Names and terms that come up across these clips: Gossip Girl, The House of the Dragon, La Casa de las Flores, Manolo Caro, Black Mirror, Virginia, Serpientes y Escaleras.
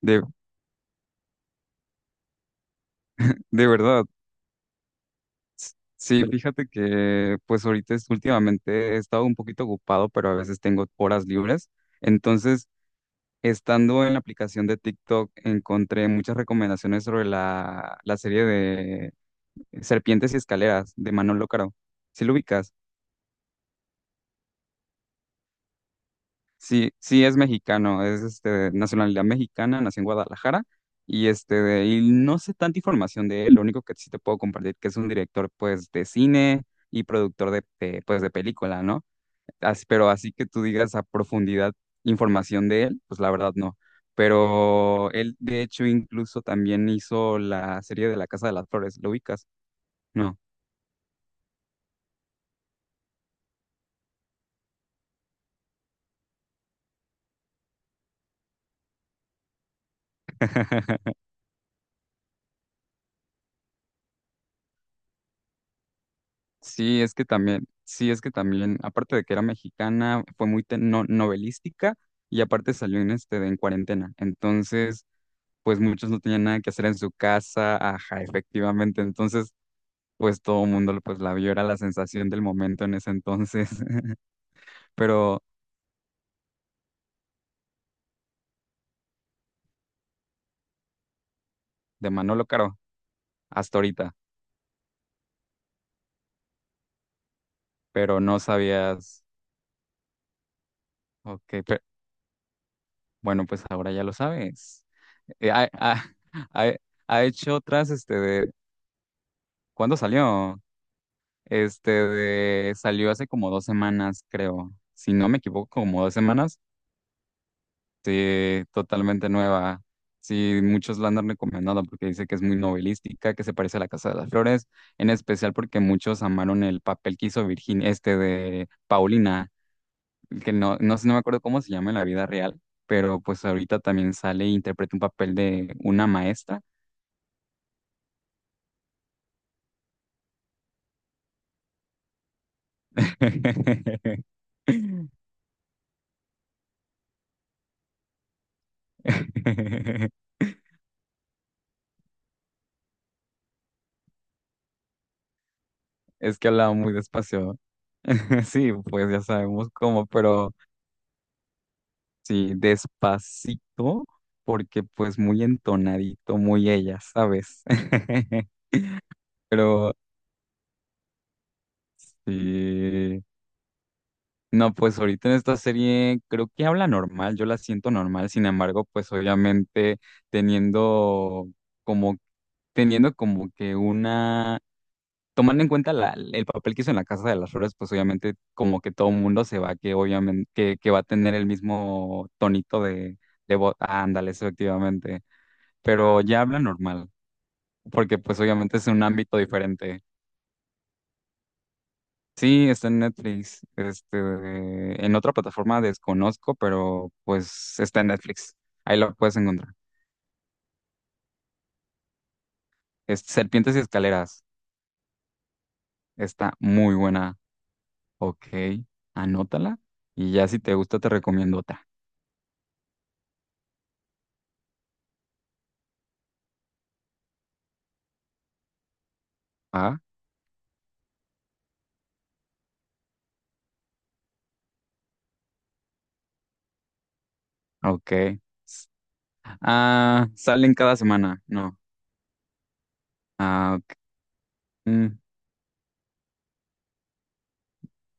De, de verdad. Sí, fíjate que pues ahorita últimamente he estado un poquito ocupado, pero a veces tengo horas libres. Entonces, estando en la aplicación de TikTok, encontré muchas recomendaciones sobre la serie de Serpientes y Escaleras de Manolo Caro. ¿Sí lo ubicas? Sí, sí es mexicano, es este de nacionalidad mexicana, nació en Guadalajara y y no sé tanta información de él, lo único que sí te puedo compartir que es un director pues de cine y productor pues de película, ¿no? Pero así que tú digas a profundidad información de él, pues la verdad no. Pero él de hecho incluso también hizo la serie de La Casa de las Flores, ¿lo ubicas? No. Sí, es que también, sí, es que también, aparte de que era mexicana, fue muy novelística y aparte salió en este de en cuarentena. Entonces, pues muchos no tenían nada que hacer en su casa, ajá, efectivamente. Entonces, pues todo el mundo pues la vio, era la sensación del momento en ese entonces. Pero de Manolo Caro, hasta ahorita, pero no sabías, ok, bueno, pues ahora ya lo sabes. Eh, ha, ha- ha- Ha hecho otras, ¿cuándo salió? Salió hace como dos semanas, creo. Si no me equivoco, como dos semanas. Sí, totalmente nueva. Sí, muchos la han recomendado porque dice que es muy novelística, que se parece a La Casa de las Flores, en especial porque muchos amaron el papel que hizo Virginia, este de Paulina, que no, no sé, no me acuerdo cómo se llama en la vida real, pero pues ahorita también sale e interpreta un papel de una maestra. Es que hablaba muy despacio. Sí, pues ya sabemos cómo, pero sí, despacito, porque pues muy entonadito, muy ella, ¿sabes? Pero sí, no, pues ahorita en esta serie creo que habla normal, yo la siento normal, sin embargo, pues obviamente teniendo como, teniendo como que una tomando en cuenta el papel que hizo en la Casa de las Flores, pues obviamente como que todo el mundo se va, que obviamente que va a tener el mismo tonito de voz. Ah, ándale, eso efectivamente. Pero ya habla normal, porque pues obviamente es un ámbito diferente. Sí, está en Netflix. Este, en otra plataforma desconozco, pero pues está en Netflix. Ahí lo puedes encontrar. Es Serpientes y Escaleras. Está muy buena. Ok, anótala. Y ya si te gusta, te recomiendo otra. ¿Va? Ok. Ah, salen cada semana, no. Ah, ok. Mm,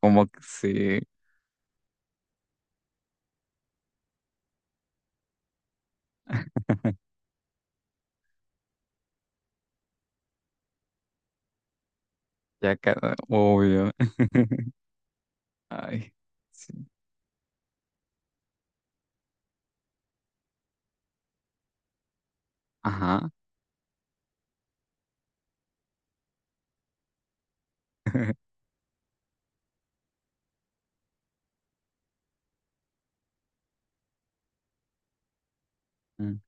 como que sí, ya cada, obvio. Ay, sí. Ajá. Mm,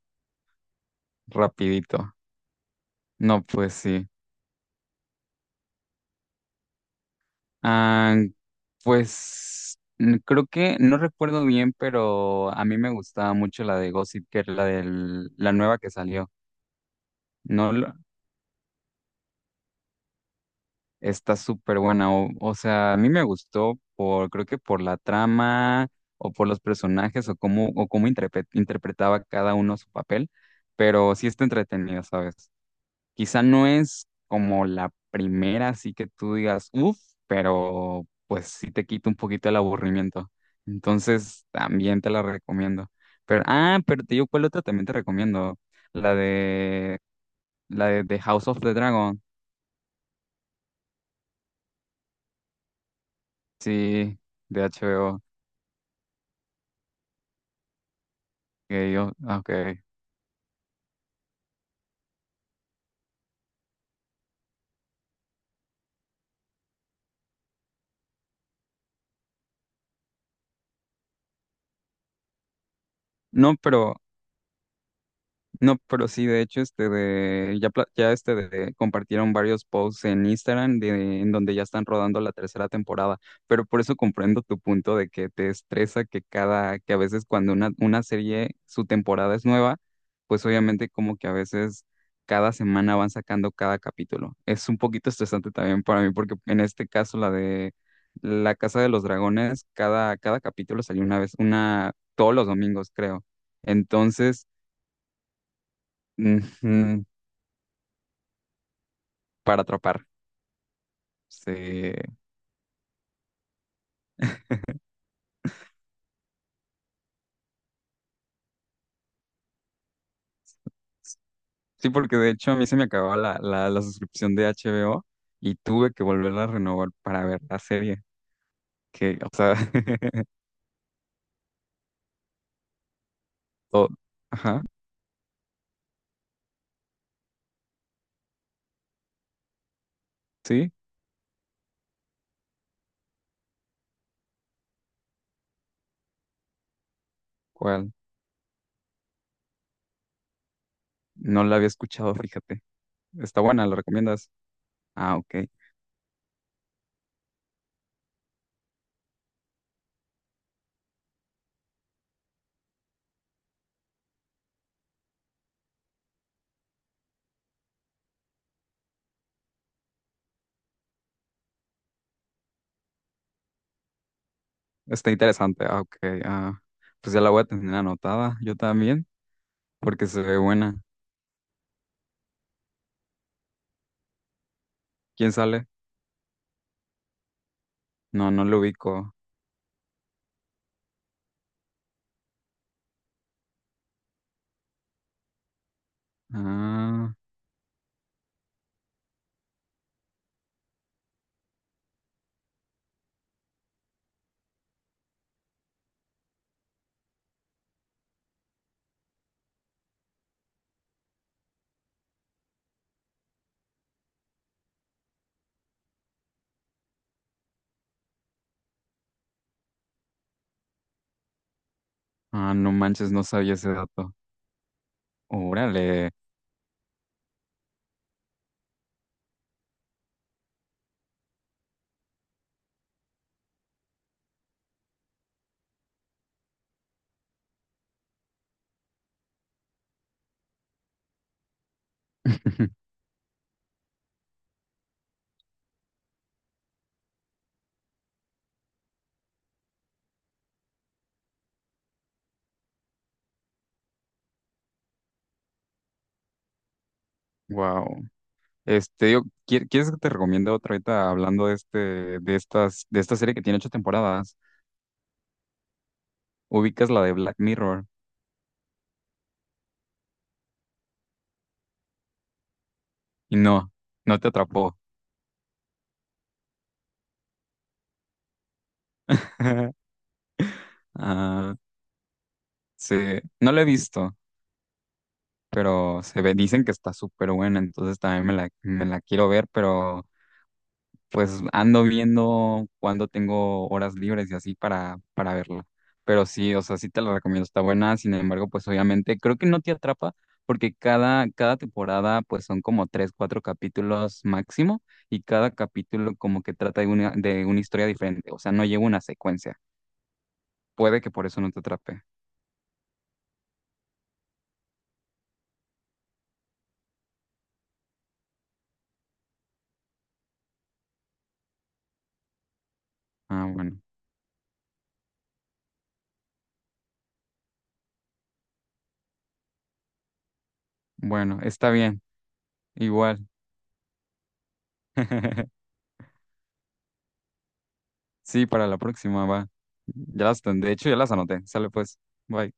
rapidito. No, pues sí. Ah, pues creo que no recuerdo bien, pero a mí me gustaba mucho la de Gossip Girl, la nueva que salió. No, está súper buena. O sea, a mí me gustó por, creo que por la trama o por los personajes o cómo interpretaba cada uno su papel, pero sí está entretenido, ¿sabes? Quizá no es como la primera, así que tú digas, uff, pero pues sí te quita un poquito el aburrimiento. Entonces, también te la recomiendo. Pero, ah, pero te digo, ¿cuál otra también te recomiendo? La de, la de The House of the Dragon, sí, de HBO. Ok, yo, ah, ok. No, pero no, pero sí, de hecho, este de, ya, pla- ya este de, compartieron varios posts en Instagram de, en donde ya están rodando la tercera temporada, pero por eso comprendo tu punto de que te estresa que cada, que a veces cuando una serie, su temporada es nueva, pues obviamente como que a veces cada semana van sacando cada capítulo. Es un poquito estresante también para mí, porque en este caso la de La Casa de los Dragones, cada capítulo salió una vez, una, todos los domingos, creo. Entonces, ujú, para atrapar. Sí. Sí, porque de hecho a mí se me acababa la suscripción de HBO y tuve que volverla a renovar para ver la serie. Que, o sea, o- ajá, sí, ¿cuál? No la había escuchado, fíjate. Está buena, ¿la recomiendas? Ah, ok. Está interesante, ah, ok. Ah, pues ya la voy a tener anotada, yo también, porque se ve buena. ¿Quién sale? No, no lo ubico. Ah, ah, no manches, no sabía ese dato. Órale. Wow. Este, yo, ¿quieres que te recomiende otra ahorita hablando de esta serie que tiene 8 temporadas? Ubicas la de Black Mirror y no, no te atrapó. Ah, sí, no la he visto, pero se ve, dicen que está súper buena, entonces también me la quiero ver, pero pues ando viendo cuando tengo horas libres y así para verla. Pero sí, o sea, sí te la recomiendo, está buena. Sin embargo, pues obviamente creo que no te atrapa porque cada temporada pues son como tres, cuatro capítulos máximo y cada capítulo como que trata de de una historia diferente. O sea, no lleva una secuencia. Puede que por eso no te atrape. Ah, bueno. Bueno, está bien. Igual. Sí, para la próxima va. Ya las, de hecho, ya las anoté. Sale pues. Bye.